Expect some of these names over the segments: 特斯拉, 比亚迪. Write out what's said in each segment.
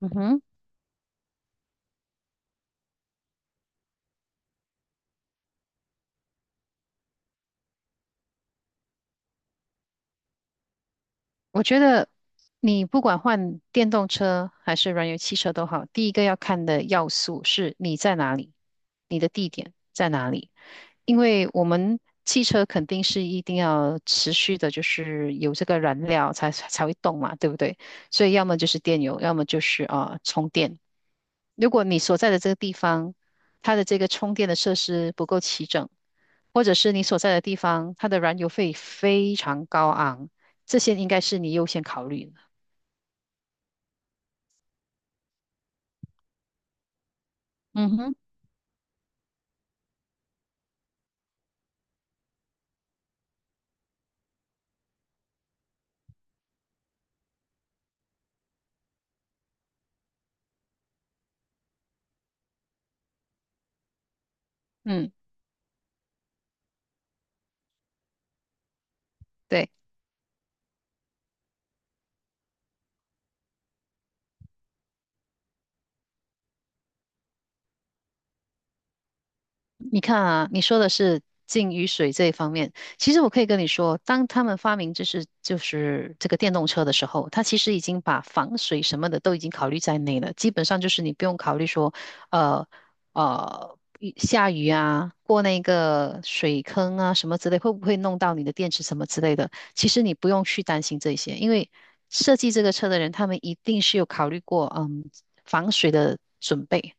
嗯哼，我觉得你不管换电动车还是燃油汽车都好，第一个要看的要素是你在哪里，你的地点在哪里。因为我们汽车肯定是一定要持续的，就是有这个燃料才会动嘛，对不对？所以要么就是电油，要么就是充电。如果你所在的这个地方，它的这个充电的设施不够齐整，或者是你所在的地方，它的燃油费非常高昂，这些应该是你优先考虑的。嗯哼，嗯，对。你看啊，你说的是进雨水这一方面，其实我可以跟你说，当他们发明就是这个电动车的时候，它其实已经把防水什么的都已经考虑在内了，基本上就是你不用考虑说，呃雨下雨啊，过那个水坑啊什么之类，会不会弄到你的电池什么之类的，其实你不用去担心这些，因为设计这个车的人，他们一定是有考虑过，嗯，防水的准备。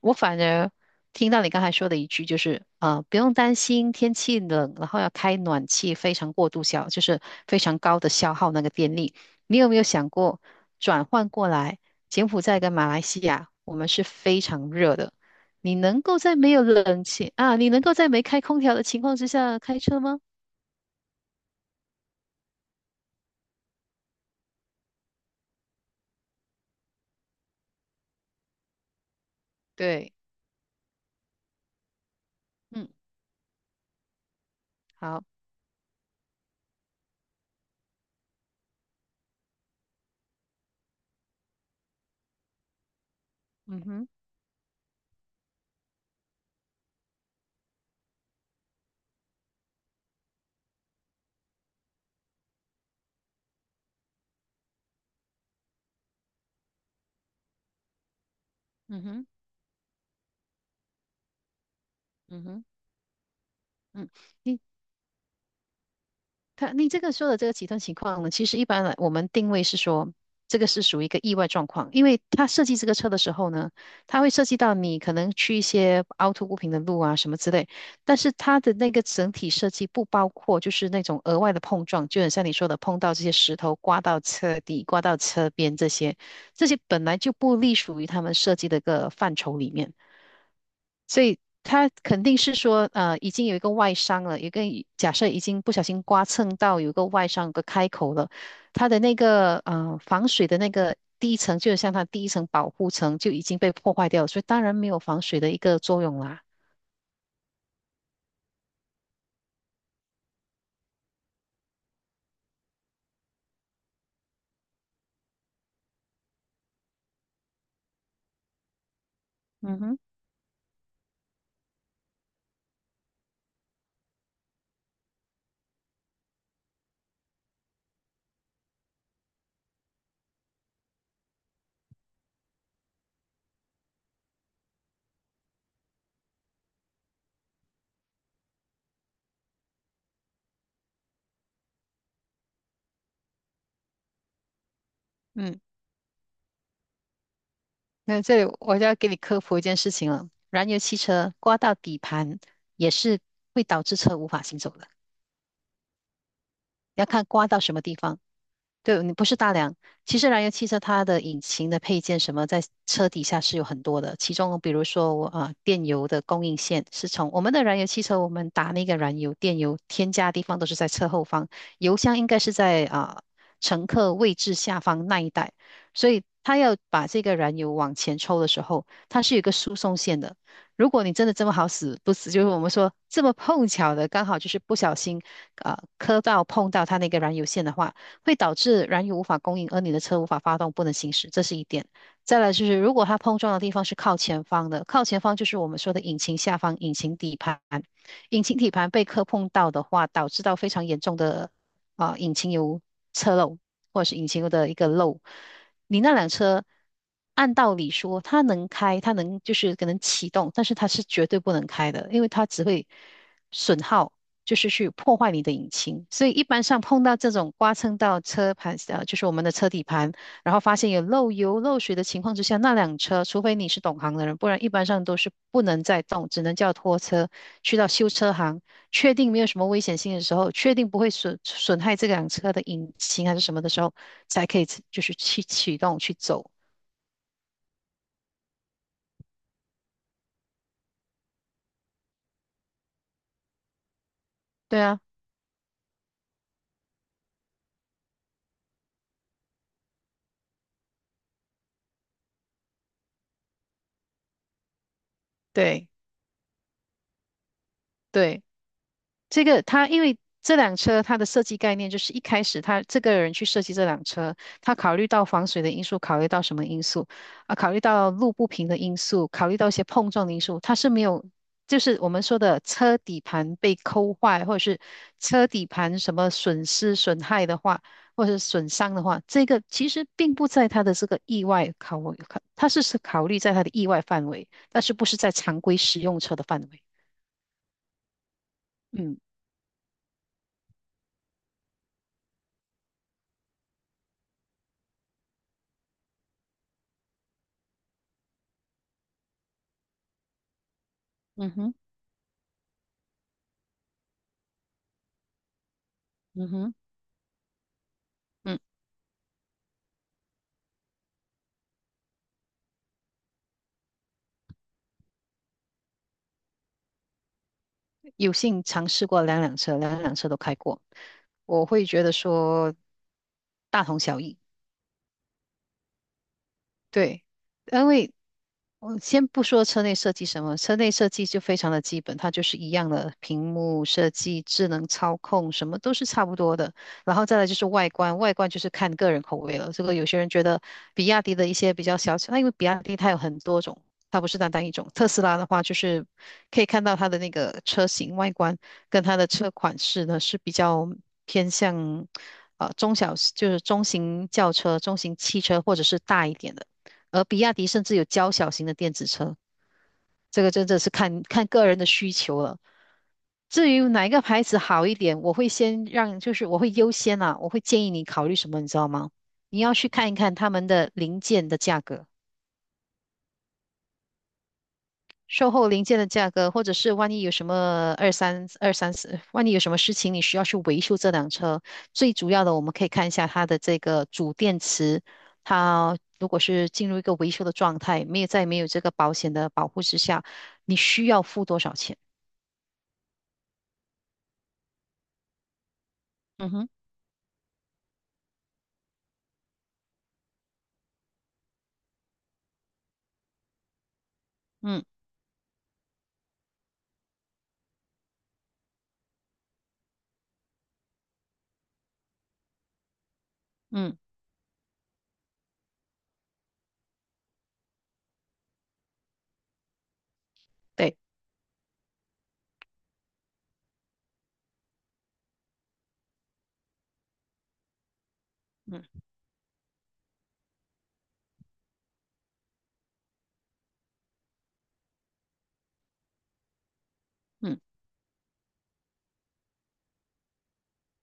我反而听到你刚才说的一句，就是不用担心天气冷，然后要开暖气，非常过度消，就是非常高的消耗那个电力。你有没有想过转换过来？柬埔寨跟马来西亚，我们是非常热的，你能够在没有冷气啊，你能够在没开空调的情况之下开车吗？对，嗯，好，嗯哼，嗯哼，嗯哼，嗯，你，你这个说的这个极端情况呢，其实一般来我们定位是说，这个是属于一个意外状况，因为他设计这个车的时候呢，他会涉及到你可能去一些凹凸不平的路啊什么之类，但是它的那个整体设计不包括就是那种额外的碰撞，就很像你说的碰到这些石头、刮到车底、刮到车边这些，这些本来就不隶属于他们设计的一个范畴里面。所以他肯定是说，呃，已经有一个外伤了，有一个假设已经不小心刮蹭到有一个外伤，有个开口了，它的那个防水的那个第一层，就是像它第一层保护层就已经被破坏掉了，所以当然没有防水的一个作用啦。嗯哼，嗯，那这里我就要给你科普一件事情了，燃油汽车刮到底盘也是会导致车无法行走的，要看刮到什么地方。对，你不是大梁。其实燃油汽车它的引擎的配件什么，在车底下是有很多的。其中，比如说电油的供应线是从我们的燃油汽车，我们打那个燃油、电油添加的地方都是在车后方，油箱应该是在乘客位置下方那一带。所以，它要把这个燃油往前抽的时候，它是有一个输送线的。如果你真的这么好死不死，就是我们说这么碰巧的，刚好就是不小心磕到碰到它那个燃油线的话。会导致燃油无法供应，而你的车无法发动，不能行驶，这是一点。再来就是，如果它碰撞的地方是靠前方的，靠前方就是我们说的引擎下方、引擎底盘。引擎底盘被磕碰到的话，导致到非常严重的引擎油侧漏或者是引擎油的一个漏。你那辆车按道理说它能开，它能就是可能启动，但是它是绝对不能开的，因为它只会损耗就是去破坏你的引擎。所以一般上碰到这种刮蹭到车盘，呃，就是我们的车底盘，然后发现有漏油、漏水的情况之下，那辆车，除非你是懂行的人，不然一般上都是不能再动，只能叫拖车去到修车行，确定没有什么危险性的时候，确定不会损害这辆车的引擎还是什么的时候，才可以就是去启动去走。对啊，对。对，这个他因为这辆车它的设计概念就是一开始他这个人去设计这辆车，他考虑到防水的因素，考虑到什么因素啊？考虑到路不平的因素，考虑到一些碰撞的因素，他是没有，就是我们说的车底盘被抠坏，或者是车底盘什么损失损害的话，或者是损伤的话，这个其实并不在他的这个意外考虑在他的意外范围，但是不是在常规使用车的范围。嗯，嗯哼，嗯哼。嗯，有幸尝试过两辆车，两辆车都开过，我会觉得说大同小异。对，因为我先不说车内设计什么，车内设计就非常的基本，它就是一样的屏幕设计、智能操控，什么都是差不多的。然后再来就是外观，外观就是看个人口味了。这个有些人觉得比亚迪的一些比较小巧，那因为比亚迪它有很多种，它不是单单一种。特斯拉的话，就是可以看到它的那个车型外观跟它的车款式呢是比较偏向中小，就是中型轿车、中型汽车或者是大一点的。而比亚迪甚至有较小型的电子车，这个真的是看个人的需求了。至于哪一个牌子好一点，我会先让，就是我会优先，我会建议你考虑什么，你知道吗？你要去看一看他们的零件的价格。售后零件的价格，或者是万一有什么二三二三四，万一有什么事情你需要去维修这辆车，最主要的我们可以看一下它的这个主电池，它如果是进入一个维修的状态，没有在没有这个保险的保护之下，你需要付多少钱？嗯哼，嗯，嗯，对，嗯，嗯，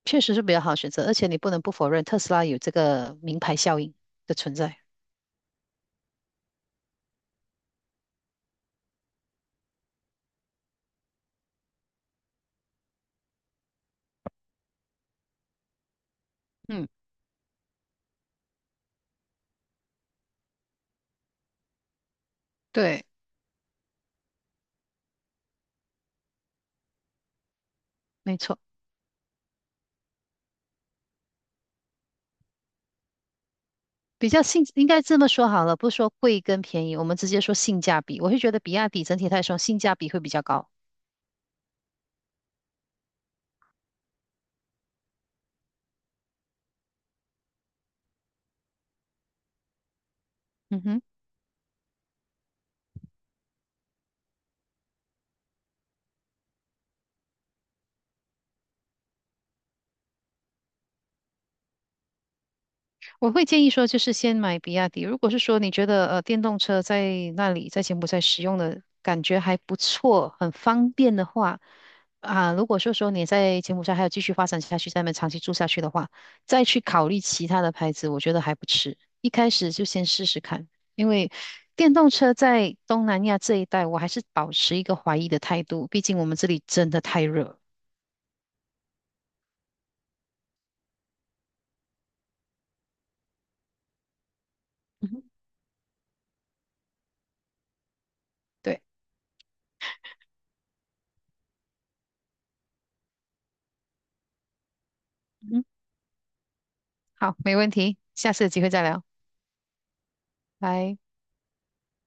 确实是比较好的选择，而且你不能不否认特斯拉有这个名牌效应的存在。嗯，对，没错。比较性，应该这么说好了，不说贵跟便宜，我们直接说性价比。我会觉得比亚迪整体来说性价比会比较高。嗯哼。我会建议说，就是先买比亚迪。如果是说你觉得电动车在那里在柬埔寨使用的感觉还不错，很方便的话，如果说你在柬埔寨还有继续发展下去，在那边长期住下去的话，再去考虑其他的牌子，我觉得还不迟。一开始就先试试看，因为电动车在东南亚这一带，我还是保持一个怀疑的态度，毕竟我们这里真的太热。嗯哼，对，嗯，好，没问题，下次有机会再聊，拜。